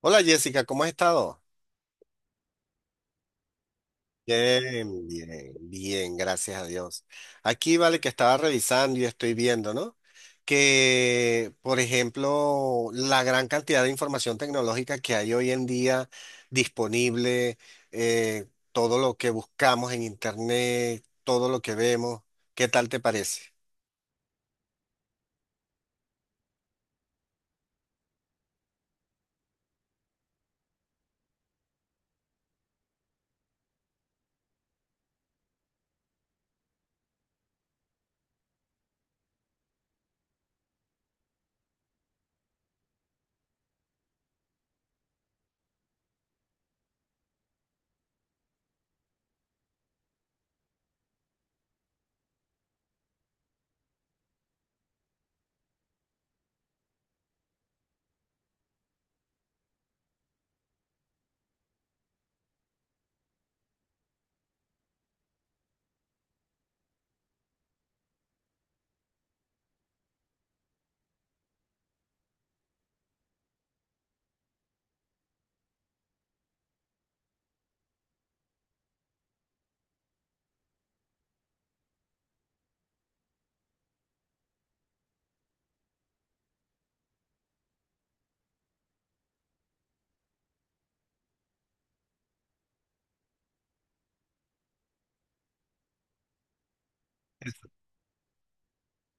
Hola Jessica, ¿cómo has estado? Bien, bien, bien, gracias a Dios. Aquí vale que estaba revisando y estoy viendo, ¿no? Que, por ejemplo, la gran cantidad de información tecnológica que hay hoy en día disponible, eh, todo lo que buscamos en Internet, todo lo que vemos, ¿qué tal te parece?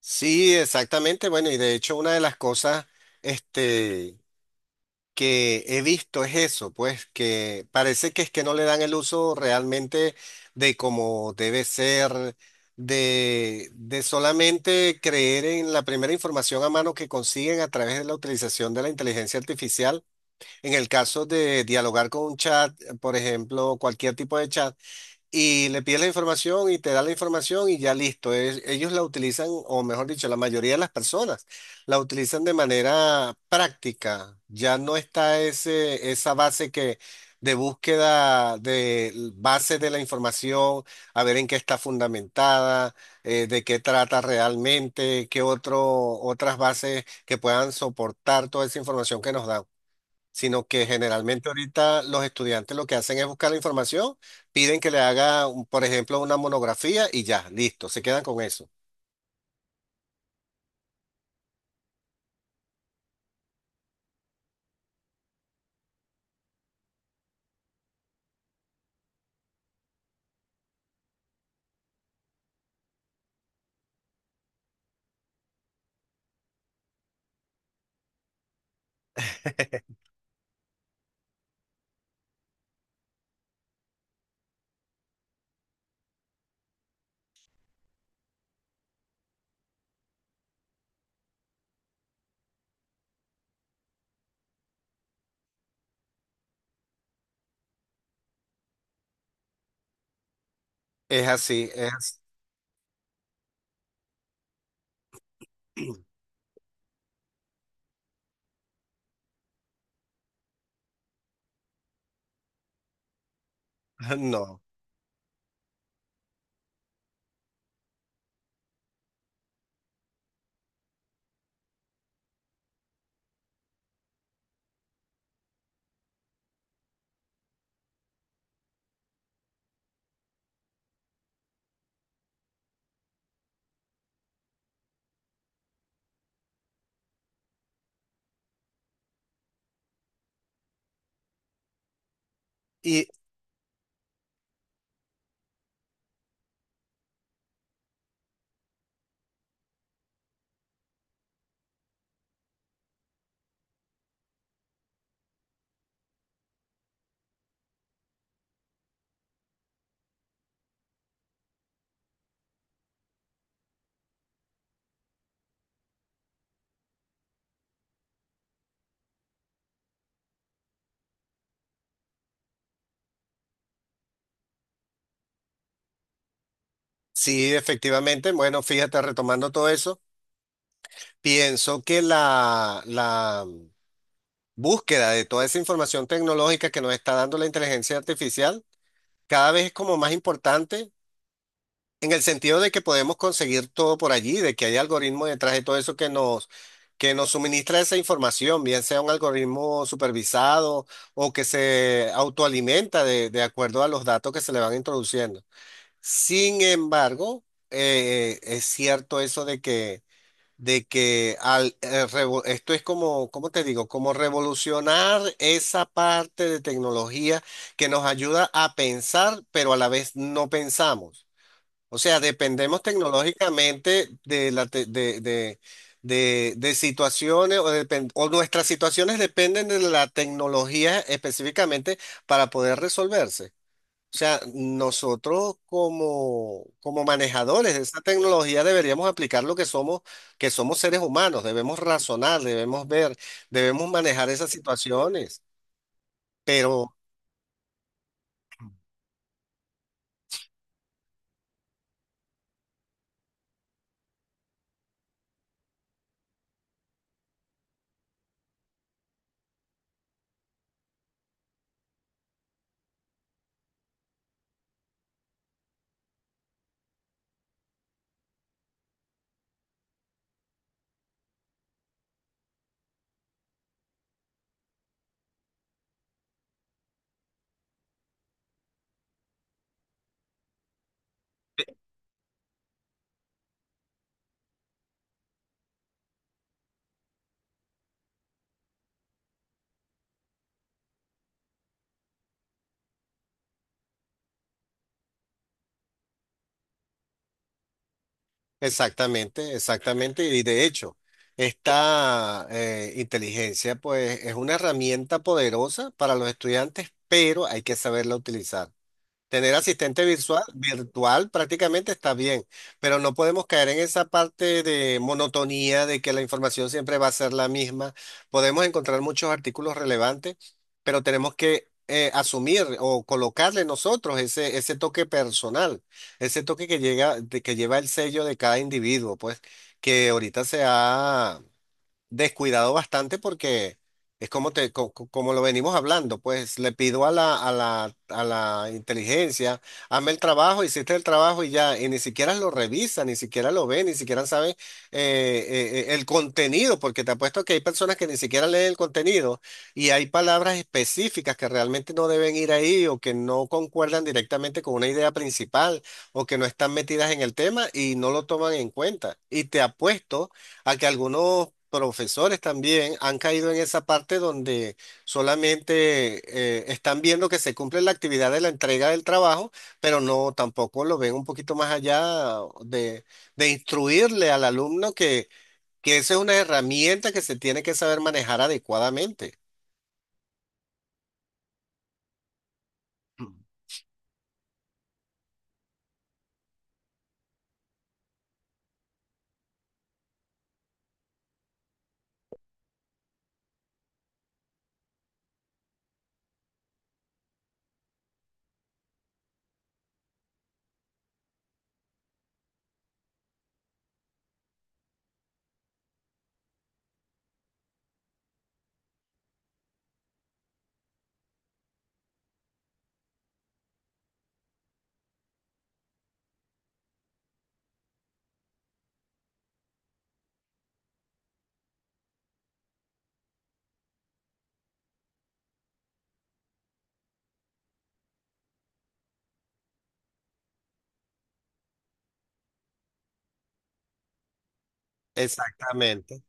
Sí, exactamente. Bueno, y de hecho una de las cosas, este, que he visto es eso, pues que parece que es que no le dan el uso realmente de como debe ser, de solamente creer en la primera información a mano que consiguen a través de la utilización de la inteligencia artificial. En el caso de dialogar con un chat, por ejemplo, cualquier tipo de chat y le pides la información y te da la información y ya listo. Ellos la utilizan, o mejor dicho, la mayoría de las personas la utilizan de manera práctica. Ya no está ese, esa base que de búsqueda de base de la información, a ver en qué está fundamentada, de qué trata realmente, qué otro, otras bases que puedan soportar toda esa información que nos dan, sino que generalmente ahorita los estudiantes lo que hacen es buscar la información, piden que le haga, por ejemplo, una monografía y ya, listo, se quedan con eso. Es así, es así. No. Y sí, efectivamente, bueno, fíjate, retomando todo eso, pienso que la búsqueda de toda esa información tecnológica que nos está dando la inteligencia artificial cada vez es como más importante. En el sentido de que podemos conseguir todo por allí, de que hay algoritmos detrás de todo eso que nos suministra esa información, bien sea un algoritmo supervisado o que se autoalimenta de acuerdo a los datos que se le van introduciendo. Sin embargo, es cierto eso de que al, esto es como, ¿cómo te digo? Como revolucionar esa parte de tecnología que nos ayuda a pensar, pero a la vez no pensamos. O sea, dependemos tecnológicamente de, la te- de situaciones o, o nuestras situaciones dependen de la tecnología específicamente para poder resolverse. O sea, nosotros como, como manejadores de esa tecnología deberíamos aplicar lo que somos seres humanos, debemos razonar, debemos ver, debemos manejar esas situaciones. Pero exactamente, exactamente. Y de hecho, esta inteligencia pues es una herramienta poderosa para los estudiantes, pero hay que saberla utilizar. Tener asistente virtual, virtual prácticamente está bien, pero no podemos caer en esa parte de monotonía de que la información siempre va a ser la misma. Podemos encontrar muchos artículos relevantes, pero tenemos que asumir o colocarle nosotros ese, ese toque personal, ese toque que llega, que lleva el sello de cada individuo, pues, que ahorita se ha descuidado bastante porque es como te, como lo venimos hablando, pues le pido a la inteligencia, hazme el trabajo, hiciste el trabajo y ya, y ni siquiera lo revisa, ni siquiera lo ve, ni siquiera sabe el contenido, porque te apuesto que hay personas que ni siquiera leen el contenido y hay palabras específicas que realmente no deben ir ahí o que no concuerdan directamente con una idea principal o que no están metidas en el tema y no lo toman en cuenta. Y te apuesto a que algunos profesores también han caído en esa parte donde solamente están viendo que se cumple la actividad de la entrega del trabajo, pero no tampoco lo ven un poquito más allá de, de instruirle al alumno que esa es una herramienta que se tiene que saber manejar adecuadamente. Exactamente.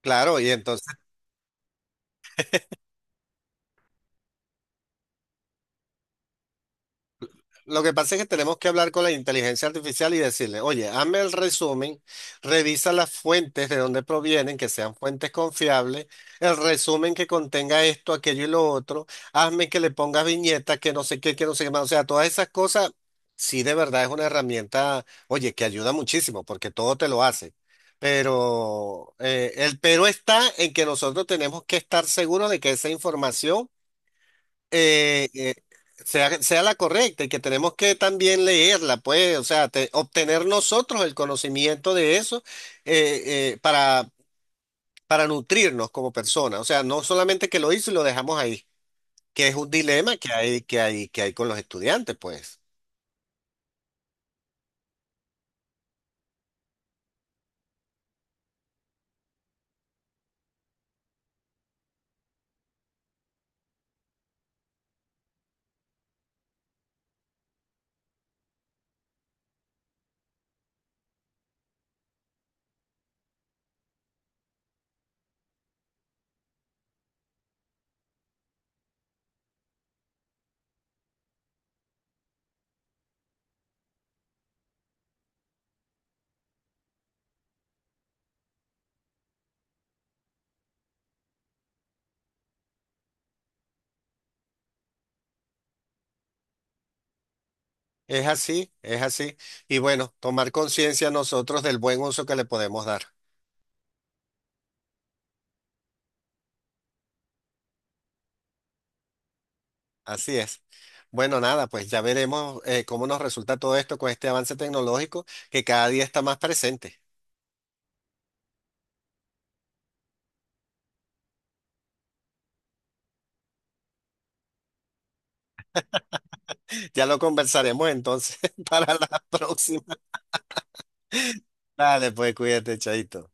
Claro, y entonces lo que pasa es que tenemos que hablar con la inteligencia artificial y decirle, oye, hazme el resumen, revisa las fuentes de dónde provienen, que sean fuentes confiables, el resumen que contenga esto, aquello y lo otro, hazme que le pongas viñetas, que no sé qué, que no sé qué más. O sea, todas esas cosas, sí de verdad es una herramienta, oye, que ayuda muchísimo, porque todo te lo hace. Pero el pero está en que nosotros tenemos que estar seguros de que esa información eh, eh, sea, sea la correcta y que tenemos que también leerla, pues, o sea, obtener nosotros el conocimiento de eso eh, eh, para, para nutrirnos como personas. O sea, no solamente que lo hizo y lo dejamos ahí, que es un dilema que hay, que hay con los estudiantes, pues. Es así, es así. Y bueno, tomar conciencia nosotros del buen uso que le podemos dar. Así es. Bueno, nada, pues ya veremos cómo nos resulta todo esto con este avance tecnológico que cada día está más presente. Ya lo conversaremos entonces para la próxima. Dale, pues cuídate, chaito.